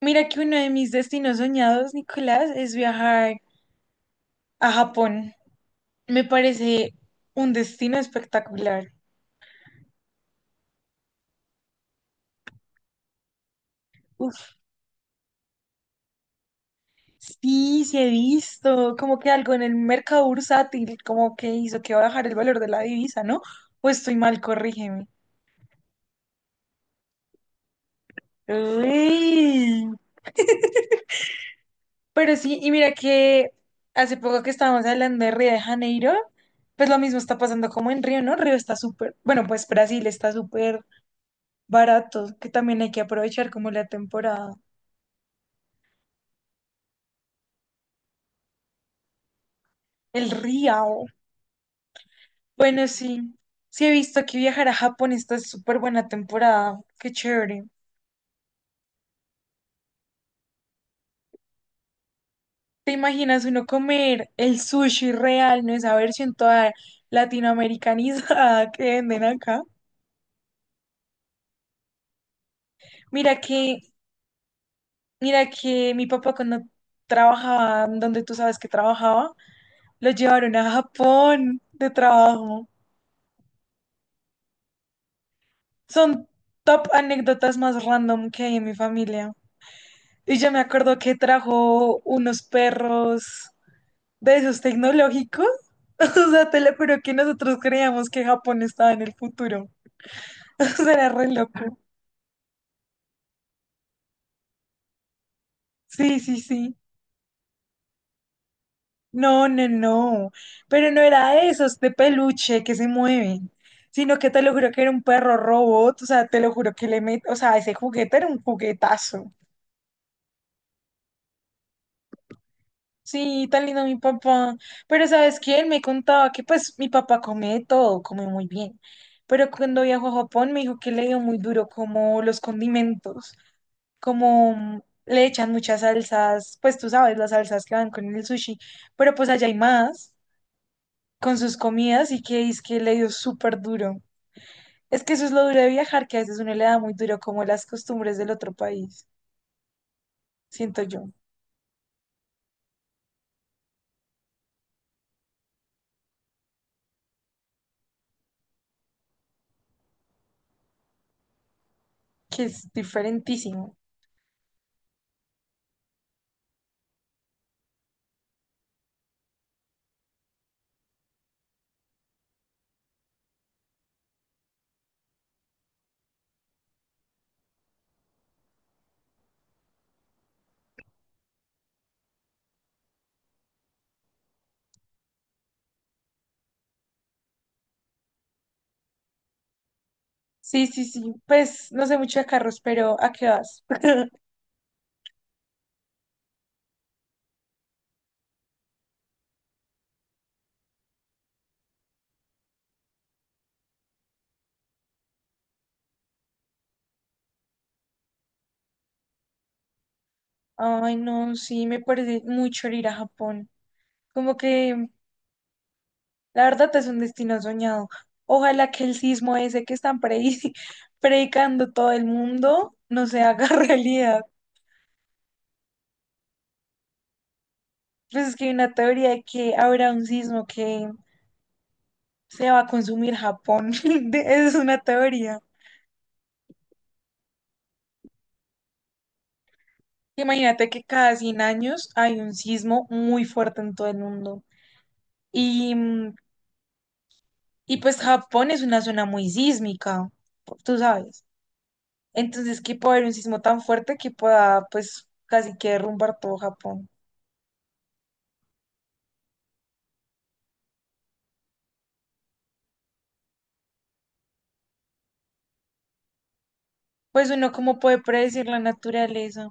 Mira que uno de mis destinos soñados, Nicolás, es viajar a Japón. Me parece un destino espectacular. Uf, sí, he visto como que algo en el mercado bursátil, como que hizo que bajar el valor de la divisa, ¿no? Pues estoy mal, corrígeme. Uy. Pero sí, y mira que hace poco que estábamos hablando de Río de Janeiro, pues lo mismo está pasando como en Río, ¿no? Río está súper, bueno, pues Brasil está súper baratos, que también hay que aprovechar como la temporada. El Riao. Bueno, sí, sí he visto que viajar a Japón está súper buena temporada. Qué chévere. ¿Te imaginas uno comer el sushi real, no esa versión toda latinoamericanizada que venden acá? Mira que, mira que mi papá cuando trabajaba donde tú sabes que trabajaba, lo llevaron a Japón de trabajo. Son top anécdotas más random que hay en mi familia. Y yo me acuerdo que trajo unos perros de esos tecnológicos. O sea, te lo juro que nosotros creíamos que Japón estaba en el futuro. O sea, era re loco. Sí, sí, sí. No, no, no. Pero no era de esos de peluche que se mueven, sino que te lo juro que era un perro robot. O sea, te lo juro que le met... O sea, ese juguete era un juguetazo. Sí, tan lindo mi papá. Pero ¿sabes qué? Él me contaba que pues mi papá come de todo, come muy bien. Pero cuando viajó a Japón me dijo que le dio muy duro como los condimentos, como le echan muchas salsas, pues tú sabes, las salsas que van con el sushi. Pero pues allá hay más con sus comidas y que es que le dio súper duro. Es que eso es lo duro de viajar, que a veces uno le da muy duro como las costumbres del otro país. Siento yo, que es diferentísimo. Sí, sí, sí. Pues no sé mucho de carros, pero ¿a qué vas? Ay, no, sí, me parece mucho el ir a Japón. Como que la verdad es un destino soñado. Ojalá que el sismo ese que están predicando todo el mundo no se haga realidad. Pues es que hay una teoría de que habrá un sismo que se va a consumir Japón. Es una teoría. Imagínate que cada 100 años hay un sismo muy fuerte en todo el mundo. Y mm, Y pues Japón es una zona muy sísmica, tú sabes. Entonces, que puede haber un sismo tan fuerte que pueda, pues, casi que derrumbar todo Japón. Pues uno, ¿cómo puede predecir la naturaleza?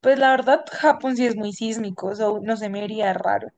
Pues la verdad, Japón sí es muy sísmico, o sea, no se me haría raro.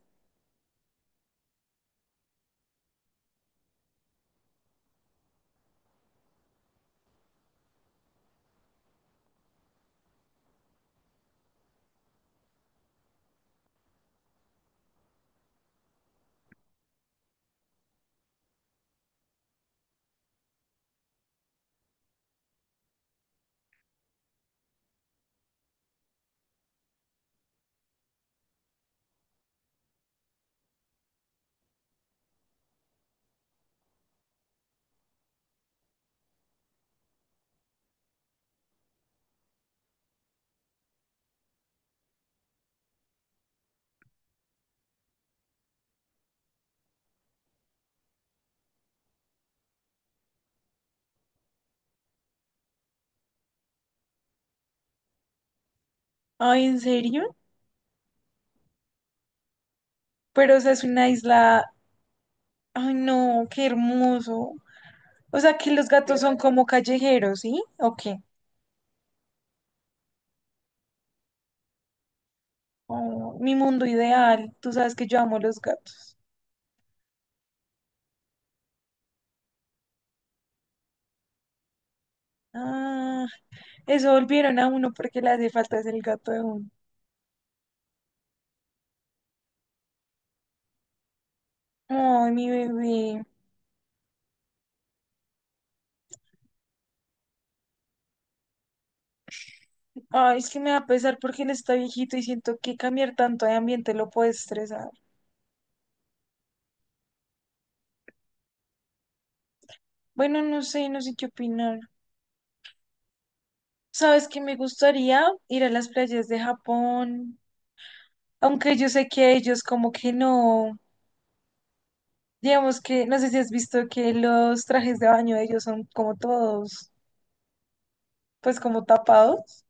Ay, ¿en serio? Pero, o sea, es una isla. Ay, no, qué hermoso. O sea, que los gatos son como callejeros, ¿sí? ¿O qué? Oh, mi mundo ideal. Tú sabes que yo amo los gatos. Ah, eso volvieron a uno porque le hace falta es el gato de uno. Ay, mi bebé. Ay, es que me va a pesar porque él está viejito y siento que cambiar tanto de ambiente lo puede estresar. Bueno, no sé, no sé qué opinar. ¿Sabes que me gustaría ir a las playas de Japón? Aunque yo sé que ellos como que no. Digamos que, no sé si has visto que los trajes de baño de ellos son como todos, pues como tapados,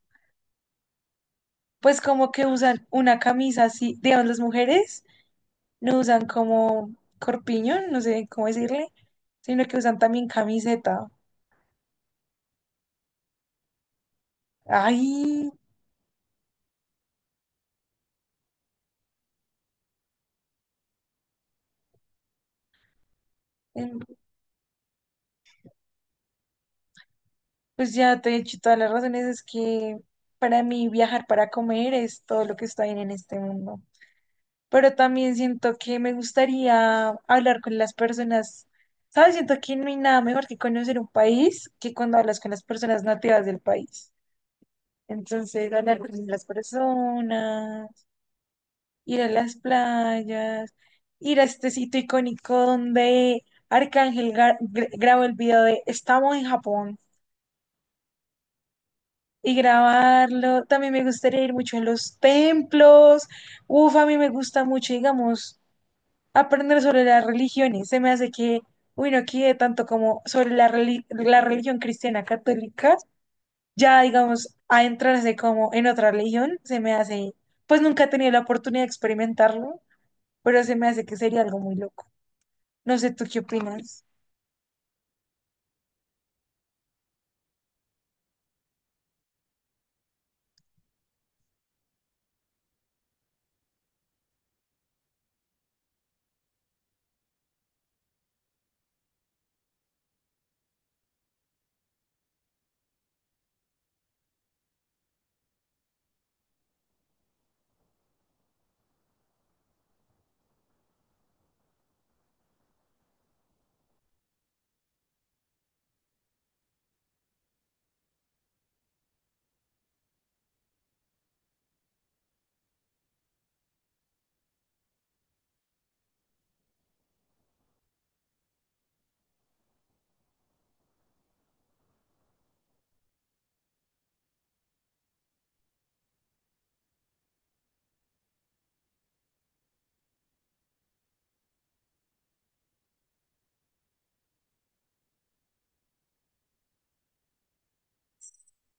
pues como que usan una camisa así, digamos las mujeres no usan como corpiño, no sé cómo decirle, sino que usan también camiseta. Ay, em, pues ya te he dicho todas las razones, es que para mí viajar para comer es todo lo que está bien en este mundo. Pero también siento que me gustaría hablar con las personas, ¿sabes? Siento que no hay nada mejor que conocer un país que cuando hablas con las personas nativas del país. Entonces, hablar con las personas, ir a las playas, ir a este sitio icónico donde Arcángel grabó el video de Estamos en Japón. Y grabarlo. También me gustaría ir mucho a los templos. Uf, a mí me gusta mucho, digamos, aprender sobre las religiones. Se me hace que, uy, no quiere tanto como sobre la, la religión cristiana católica, ya digamos, adentrarse como en otra religión, se me hace, pues nunca he tenido la oportunidad de experimentarlo, pero se me hace que sería algo muy loco. No sé, ¿tú qué opinas?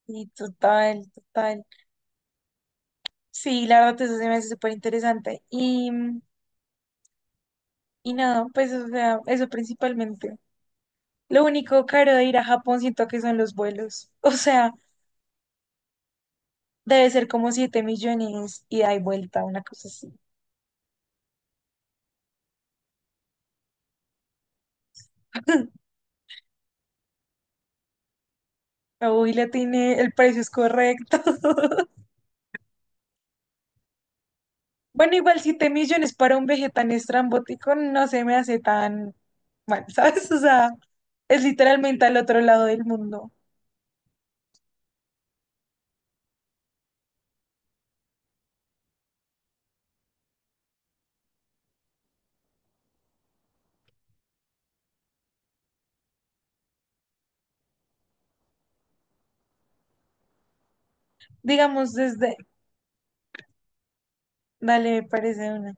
Y total, total. Sí, la verdad, eso se me hace súper interesante. Y nada, pues, o sea, eso principalmente. Lo único caro de ir a Japón siento que son los vuelos. O sea, debe ser como 7 millones y da y vuelta, una cosa así. Uy, le tiene, el precio es correcto. Bueno, igual 7 millones para un veje tan estrambótico no se me hace tan mal, ¿sabes? O sea, es literalmente al otro lado del mundo. Digamos desde, dale, me parece una.